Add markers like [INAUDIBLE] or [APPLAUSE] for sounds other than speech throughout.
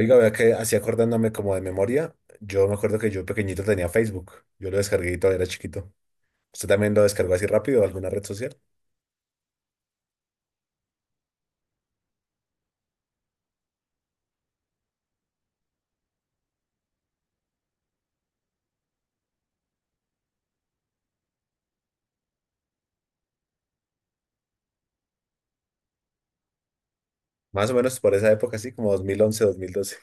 Oiga, vea que así acordándome como de memoria, yo me acuerdo que yo pequeñito tenía Facebook. Yo lo descargué y todavía era chiquito. ¿Usted también lo descargó así rápido, alguna red social? Más o menos por esa época, así como 2011, 2012.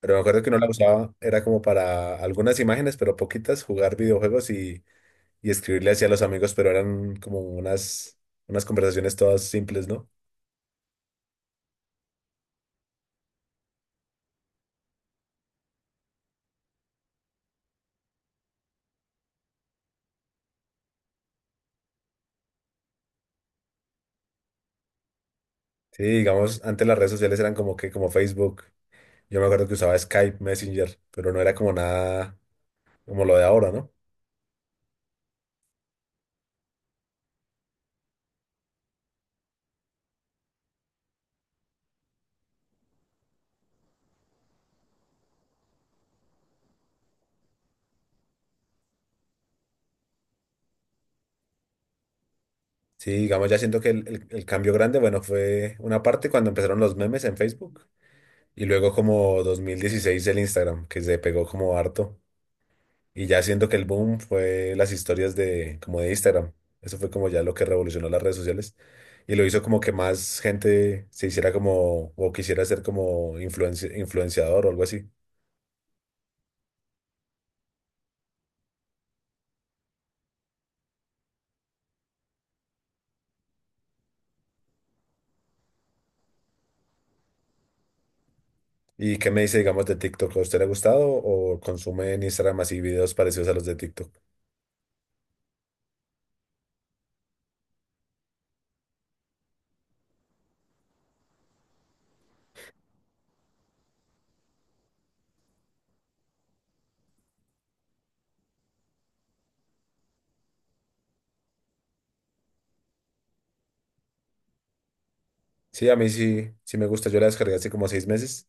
Pero me acuerdo que uno la usaba, era como para algunas imágenes, pero poquitas, jugar videojuegos y escribirle así a los amigos, pero eran como unas conversaciones todas simples, ¿no? Sí, digamos, antes las redes sociales eran como que, como Facebook. Yo me acuerdo que usaba Skype, Messenger, pero no era como nada como lo de ahora, ¿no? Sí, digamos, ya siento que el cambio grande, bueno, fue una parte cuando empezaron los memes en Facebook y luego como 2016 el Instagram, que se pegó como harto. Y ya siento que el boom fue las historias de como de Instagram. Eso fue como ya lo que revolucionó las redes sociales y lo hizo como que más gente se hiciera como o quisiera ser como influenciador o algo así. ¿Y qué me dice, digamos, de TikTok? ¿A usted le ha gustado o consume en Instagram así videos parecidos a los de TikTok? Sí, a mí sí, sí me gusta. Yo la descargué hace como 6 meses.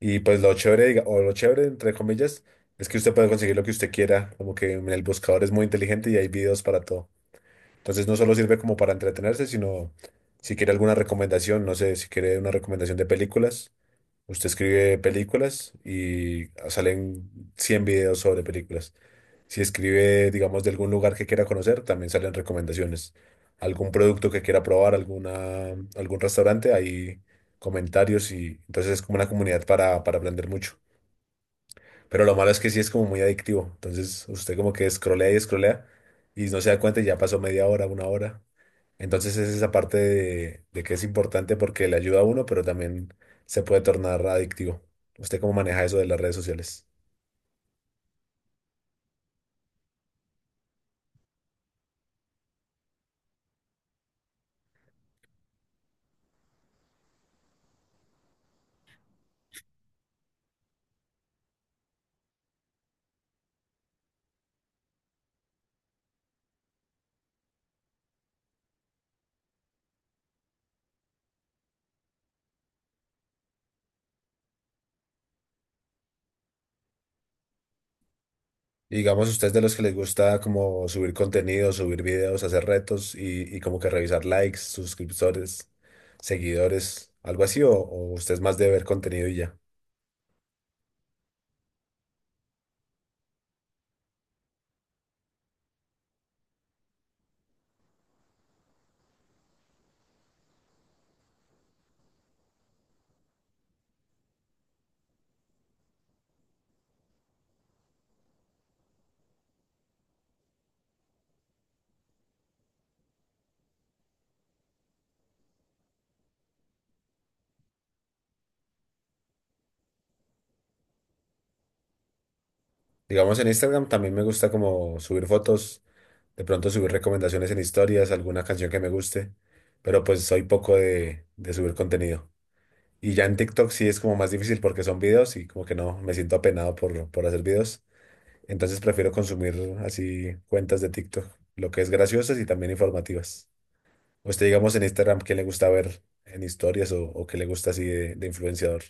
Y pues lo chévere, o lo chévere, entre comillas, es que usted puede conseguir lo que usted quiera, como que en el buscador es muy inteligente y hay videos para todo. Entonces no solo sirve como para entretenerse, sino si quiere alguna recomendación, no sé, si quiere una recomendación de películas, usted escribe películas y ah, salen 100 videos sobre películas. Si escribe, digamos, de algún lugar que quiera conocer, también salen recomendaciones. Algún producto que quiera probar, alguna, algún restaurante, hay comentarios y entonces es como una comunidad para aprender mucho. Pero lo malo es que sí es como muy adictivo. Entonces usted como que escrolea y escrolea y no se da cuenta y ya pasó media hora, una hora. Entonces es esa parte de que es importante porque le ayuda a uno, pero también se puede tornar adictivo. ¿Usted cómo maneja eso de las redes sociales? Y digamos, ¿usted es de los que les gusta como subir contenido, subir videos, hacer retos y como que revisar likes, suscriptores, seguidores, algo así? O usted es más de ver contenido y ya? Digamos, en Instagram también me gusta como subir fotos, de pronto subir recomendaciones en historias, alguna canción que me guste, pero pues soy poco de subir contenido. Y ya en TikTok sí es como más difícil porque son videos y como que no, me siento apenado por hacer videos. Entonces prefiero consumir así cuentas de TikTok, lo que es graciosas y también informativas. Usted, digamos, en Instagram, ¿qué le gusta ver en historias o qué le gusta así de influenciador?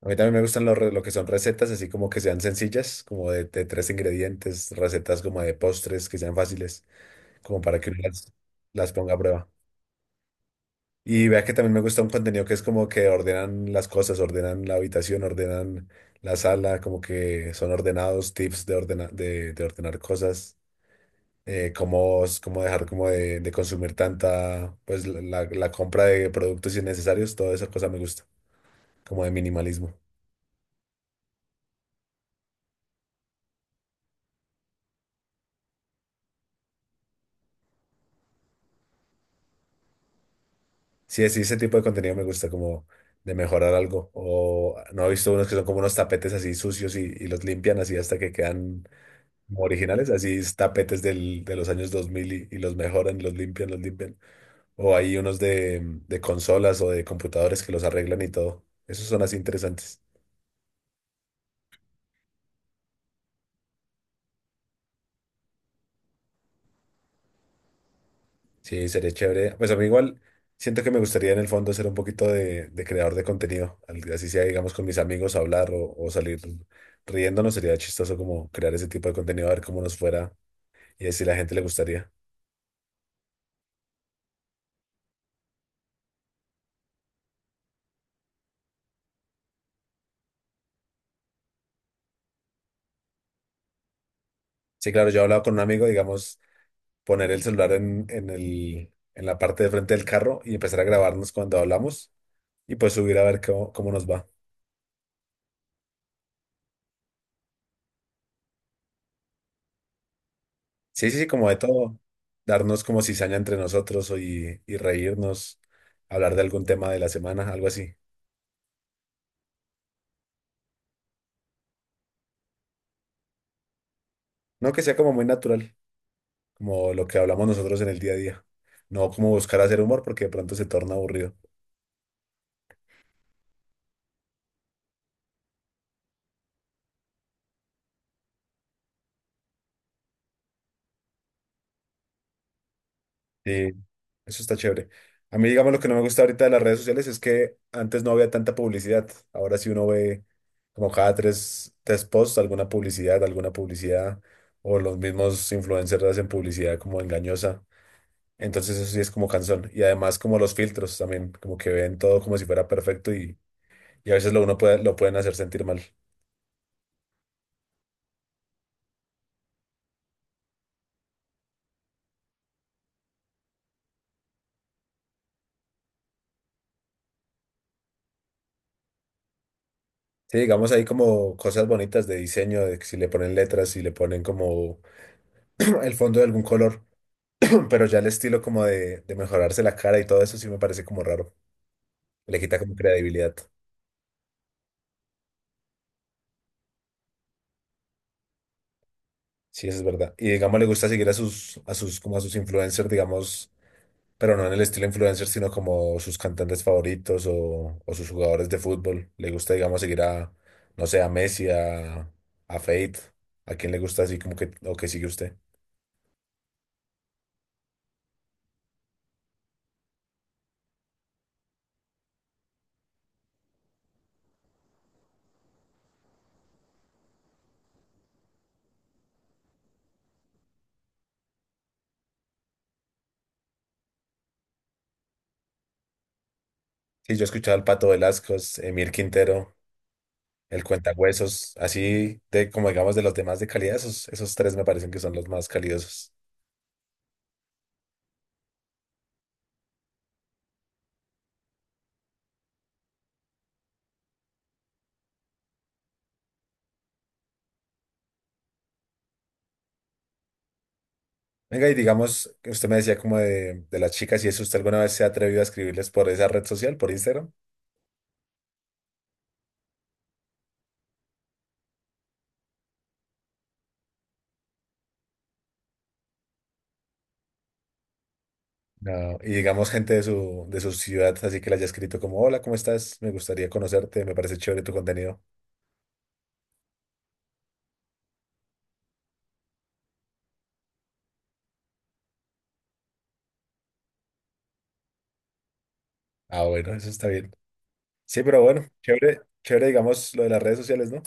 A mí también me gustan lo que son recetas, así como que sean sencillas, como de tres ingredientes, recetas como de postres que sean fáciles, como para que uno las ponga a prueba. Y vea que también me gusta un contenido que es como que ordenan las cosas, ordenan la habitación, ordenan la sala, como que son ordenados, tips de, de ordenar cosas, cómo, cómo dejar como de consumir tanta, pues la compra de productos innecesarios, toda esa cosa me gusta, como de minimalismo. Sí, sí, ese tipo de contenido me gusta, como de mejorar algo. O no he visto unos que son como unos tapetes así sucios y los limpian así hasta que quedan como originales, así es tapetes de los años 2000 y los mejoran, los limpian, los limpian. O hay unos de consolas o de computadores que los arreglan y todo. Esos son así interesantes. Sí, sería chévere. Pues a mí igual siento que me gustaría en el fondo ser un poquito de creador de contenido. Así sea, digamos, con mis amigos hablar o salir riéndonos. Sería chistoso como crear ese tipo de contenido, a ver cómo nos fuera y a ver si la gente le gustaría. Sí, claro, yo he hablado con un amigo, digamos, poner el celular en la parte de frente del carro y empezar a grabarnos cuando hablamos y pues subir a ver cómo, cómo nos va. Sí, sí, sí, como de todo, darnos como cizaña entre nosotros y reírnos, hablar de algún tema de la semana, algo así. No, que sea como muy natural, como lo que hablamos nosotros en el día a día. No como buscar hacer humor porque de pronto se torna aburrido. Sí. Eso está chévere. A mí, digamos, lo que no me gusta ahorita de las redes sociales es que antes no había tanta publicidad. Ahora sí uno ve como cada tres posts alguna publicidad, o los mismos influencers hacen publicidad como engañosa. Entonces eso sí es como cansón. Y además como los filtros también, como que ven todo como si fuera perfecto y a veces lo uno puede, lo pueden hacer sentir mal. Sí, digamos ahí como cosas bonitas de diseño, de que si le ponen letras, si le ponen como [CLEARS THROAT] el fondo de algún color. Pero ya el estilo como de mejorarse la cara y todo eso sí me parece como raro. Le quita como credibilidad. Sí, eso es verdad. Y digamos, le gusta seguir como a sus influencers, digamos, pero no en el estilo influencer, sino como sus cantantes favoritos o sus jugadores de fútbol. Le gusta, digamos, seguir a, no sé, a Messi, a Fate, a quien le gusta así como que, o que sigue usted. Sí, yo he escuchado al Pato Velasco, Emir Quintero, el Cuentahuesos, así de como digamos de los demás de calidad, esos, esos tres me parecen que son los más calidosos. Venga, y digamos, que usted me decía como de las chicas, y eso usted alguna vez se ha atrevido a escribirles por esa red social, por Instagram. No. Y digamos, gente de su ciudad, así que le haya escrito como, hola, ¿cómo estás? Me gustaría conocerte, me parece chévere tu contenido. Ah, bueno, eso está bien. Sí, pero bueno, chévere, chévere, digamos, lo de las redes sociales, ¿no?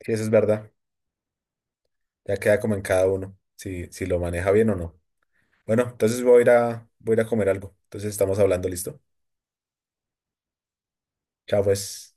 Sí, eso es verdad. Ya queda como en cada uno, si, si lo maneja bien o no. Bueno, entonces voy a ir a comer algo. Entonces estamos hablando, ¿listo? Chao, pues.